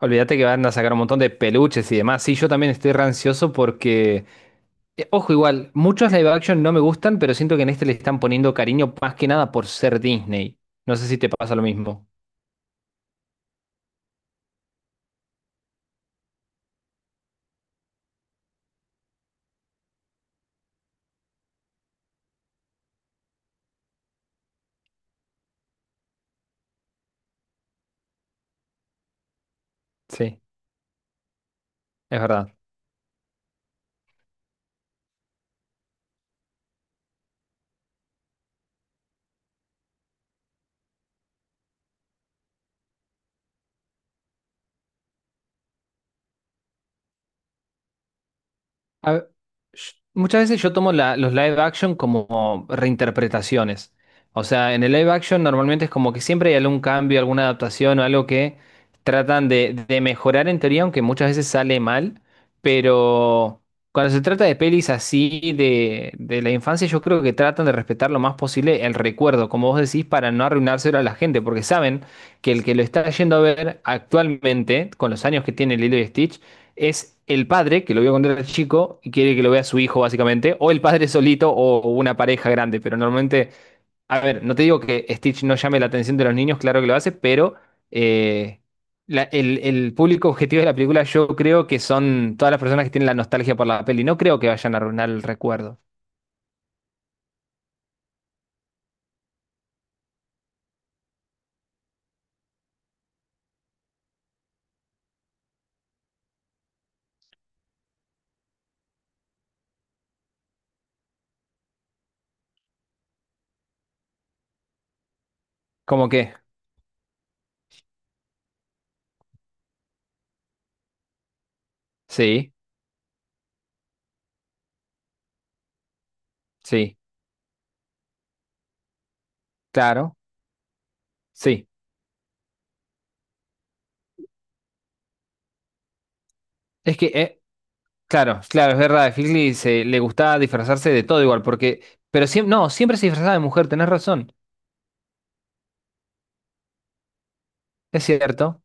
Olvídate que van a sacar un montón de peluches y demás. Sí, yo también estoy rancioso porque, ojo, igual, muchos live action no me gustan, pero siento que en este le están poniendo cariño más que nada por ser Disney. No sé si te pasa lo mismo. Sí, es verdad. A ve- Muchas veces yo tomo los live action como reinterpretaciones. O sea, en el live action normalmente es como que siempre hay algún cambio, alguna adaptación o algo que tratan de mejorar en teoría, aunque muchas veces sale mal. Pero cuando se trata de pelis así de la infancia, yo creo que tratan de respetar lo más posible el recuerdo, como vos decís, para no arruinárselo a la gente, porque saben que el que lo está yendo a ver actualmente, con los años que tiene Lilo y Stitch, es el padre que lo vio cuando era chico y quiere que lo vea su hijo, básicamente, o el padre solito o una pareja grande, pero normalmente, a ver, no te digo que Stitch no llame la atención de los niños, claro que lo hace, pero eh, el público objetivo de la película yo creo que son todas las personas que tienen la nostalgia por la peli, no creo que vayan a arruinar el recuerdo. ¿Cómo que? Sí, sí, claro, sí. Es que, claro, claro, es verdad, a Figley le gustaba disfrazarse de todo igual, porque, pero siempre, no, siempre se disfrazaba de mujer, tenés razón. Es cierto.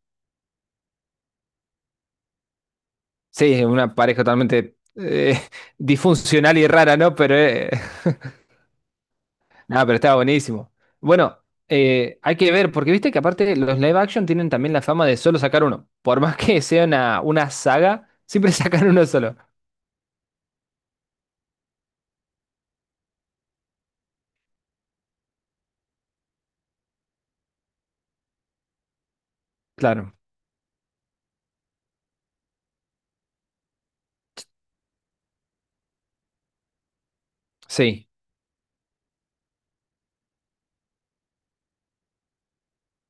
Sí, es una pareja totalmente disfuncional y rara, ¿no? Pero, nada, pero estaba buenísimo. Bueno, hay que ver, porque viste que aparte los live action tienen también la fama de solo sacar uno. Por más que sea una saga, siempre sacan uno solo. Claro, sí.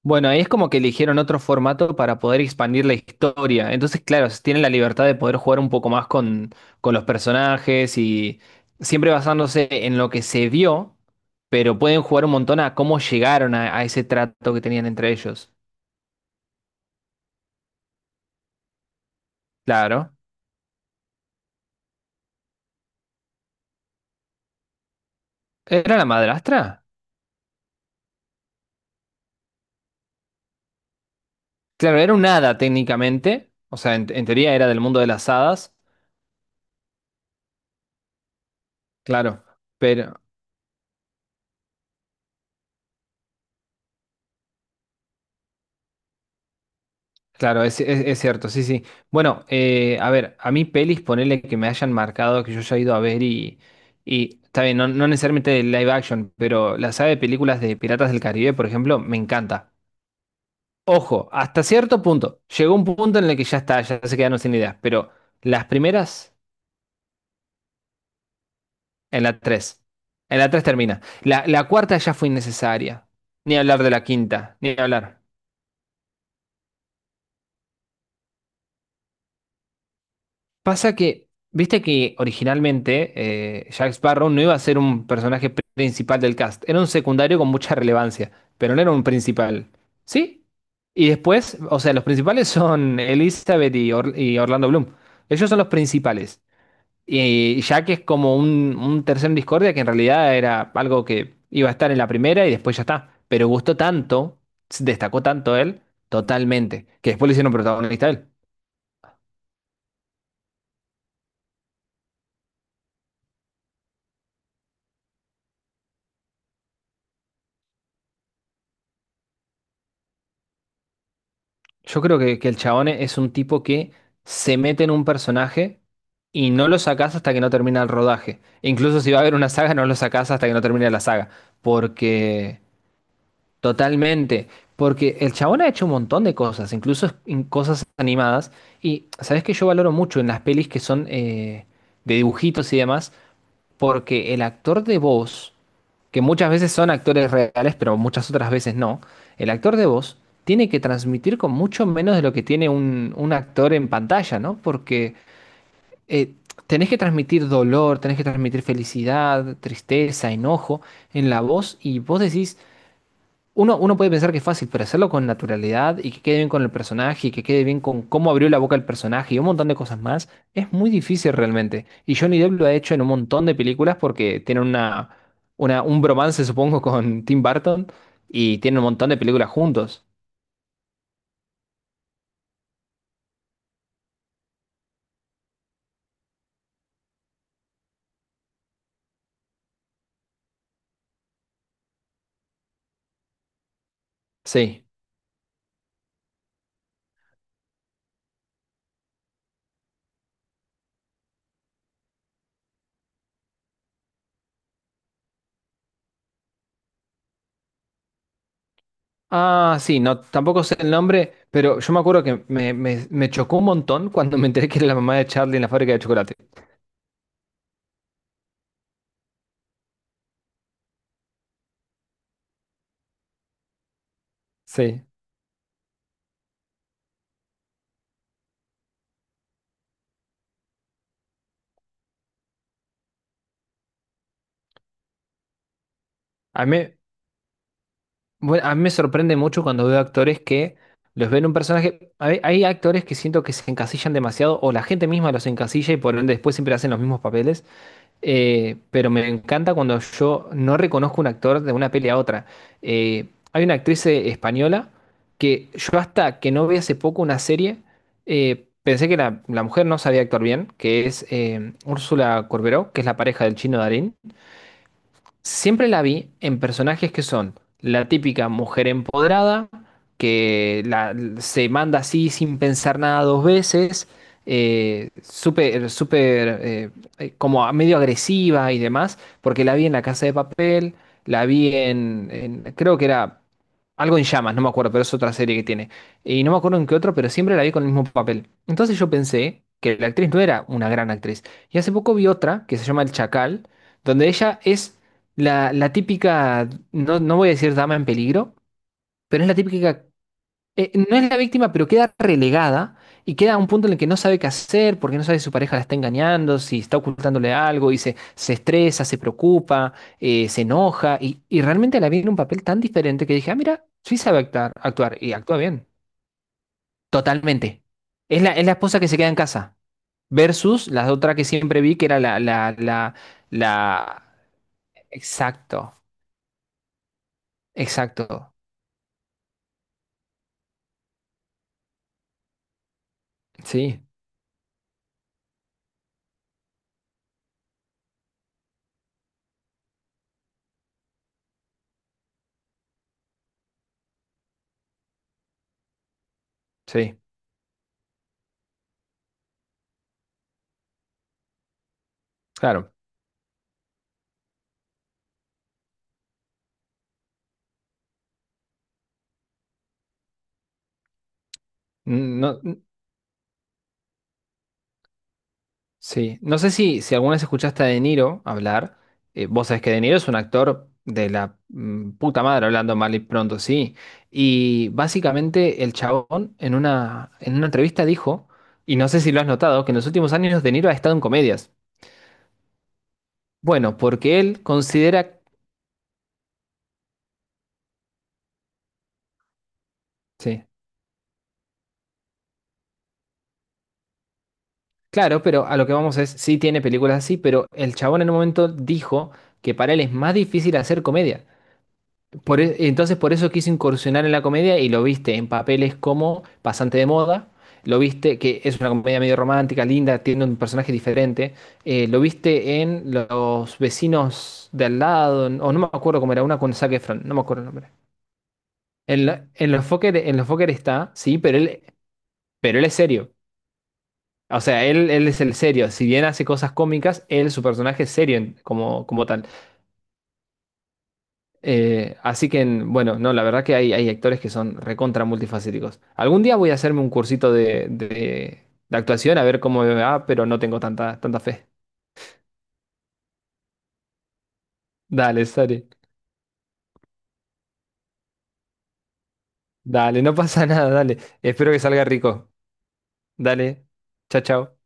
Bueno, ahí es como que eligieron otro formato para poder expandir la historia. Entonces, claro, tienen la libertad de poder jugar un poco más con los personajes y siempre basándose en lo que se vio, pero pueden jugar un montón a cómo llegaron a ese trato que tenían entre ellos. Claro. ¿Era la madrastra? Claro, era un hada técnicamente. O sea, en teoría era del mundo de las hadas. Claro, pero claro, es, es cierto, sí, sí. Bueno, a ver, a mí pelis, ponele que me hayan marcado, que yo haya ido a ver y está bien, no, no necesariamente de live action, pero la saga de películas de Piratas del Caribe, por ejemplo, me encanta. Ojo, hasta cierto punto, llegó un punto en el que ya está, ya se quedaron sin ideas, pero las primeras, en la 3, en la tres termina. La cuarta ya fue innecesaria, ni hablar de la quinta, ni hablar. Pasa que, viste que originalmente Jack Sparrow no iba a ser un personaje principal del cast, era un secundario con mucha relevancia, pero no era un principal. ¿Sí? Y después, o sea, los principales son Elizabeth y, y Orlando Bloom. Ellos son los principales. Y Jack es como un tercero en discordia que en realidad era algo que iba a estar en la primera y después ya está. Pero gustó tanto, se destacó tanto él, totalmente, que después le hicieron protagonista a él. Yo creo que el chabón es un tipo que se mete en un personaje y no lo sacás hasta que no termina el rodaje. E incluso si va a haber una saga, no lo sacás hasta que no termine la saga. Porque totalmente, porque el chabón ha hecho un montón de cosas, incluso en cosas animadas, y sabes que yo valoro mucho en las pelis que son de dibujitos y demás, porque el actor de voz, que muchas veces son actores reales, pero muchas otras veces no, el actor de voz tiene que transmitir con mucho menos de lo que tiene un actor en pantalla, ¿no? Porque eh, tenés que transmitir dolor, tenés que transmitir felicidad, tristeza, enojo en la voz, y vos decís... Uno, uno puede pensar que es fácil, pero hacerlo con naturalidad y que quede bien con el personaje y que quede bien con cómo abrió la boca el personaje y un montón de cosas más, es muy difícil realmente. Y Johnny Depp lo ha hecho en un montón de películas porque tiene una, un bromance, supongo, con Tim Burton y tiene un montón de películas juntos. Sí. Ah, sí, no, tampoco sé el nombre, pero yo me acuerdo que me chocó un montón cuando me enteré que era la mamá de Charlie en la fábrica de chocolate. Sí. A mí. Bueno, a mí me sorprende mucho cuando veo actores que los ven un personaje. Hay actores que siento que se encasillan demasiado, o la gente misma los encasilla y por ende después siempre hacen los mismos papeles. Pero me encanta cuando yo no reconozco un actor de una peli a otra. Hay una actriz española que yo hasta que no vi hace poco una serie, pensé que la mujer no sabía actuar bien, que es Úrsula Corberó, que es la pareja del chino Darín. Siempre la vi en personajes que son la típica mujer empoderada, que se manda así sin pensar nada dos veces, súper, súper, como medio agresiva y demás, porque la vi en La Casa de Papel, la vi creo que era algo en llamas, no me acuerdo, pero es otra serie que tiene. Y no me acuerdo en qué otro, pero siempre la vi con el mismo papel. Entonces yo pensé que la actriz no era una gran actriz. Y hace poco vi otra que se llama El Chacal donde ella es la típica, no, no voy a decir dama en peligro, pero es la típica, no es la víctima, pero queda relegada y queda a un punto en el que no sabe qué hacer, porque no sabe si su pareja la está engañando, si está ocultándole algo, y se estresa, se preocupa, se enoja, y realmente la vi en un papel tan diferente que dije, ah, mira, sí sabe actuar, actuar y actúa bien, totalmente. Es la esposa que se queda en casa, versus la otra que siempre vi, que era la... Exacto, exacto, sí. Sí, claro. No, sí. No sé si, si alguna vez escuchaste a De Niro hablar. Vos sabés que De Niro es un actor de la puta madre, hablando mal y pronto, sí. Y básicamente el chabón en una entrevista dijo, y no sé si lo has notado, que en los últimos años De Niro ha estado en comedias. Bueno, porque él considera... Sí, claro, pero a lo que vamos es, sí tiene películas así, pero el chabón en un momento dijo que para él es más difícil hacer comedia. Entonces por eso quise incursionar en la comedia y lo viste en papeles como Pasante de Moda, lo viste que es una comedia medio romántica, linda, tiene un personaje diferente, lo viste en Los vecinos de al lado, o no me acuerdo cómo era, una con Zac Efron, no me acuerdo el nombre. En, en Los Fokker está, sí, pero él es serio. O sea, él es el serio. Si bien hace cosas cómicas, él, su personaje es serio como, como tal. Así que, bueno, no, la verdad que hay actores que son recontra multifacéticos. Algún día voy a hacerme un cursito de, de actuación a ver cómo me va, pero no tengo tanta, tanta fe. Dale, sale. Dale, no pasa nada, dale. Espero que salga rico. Dale. Chao, chao.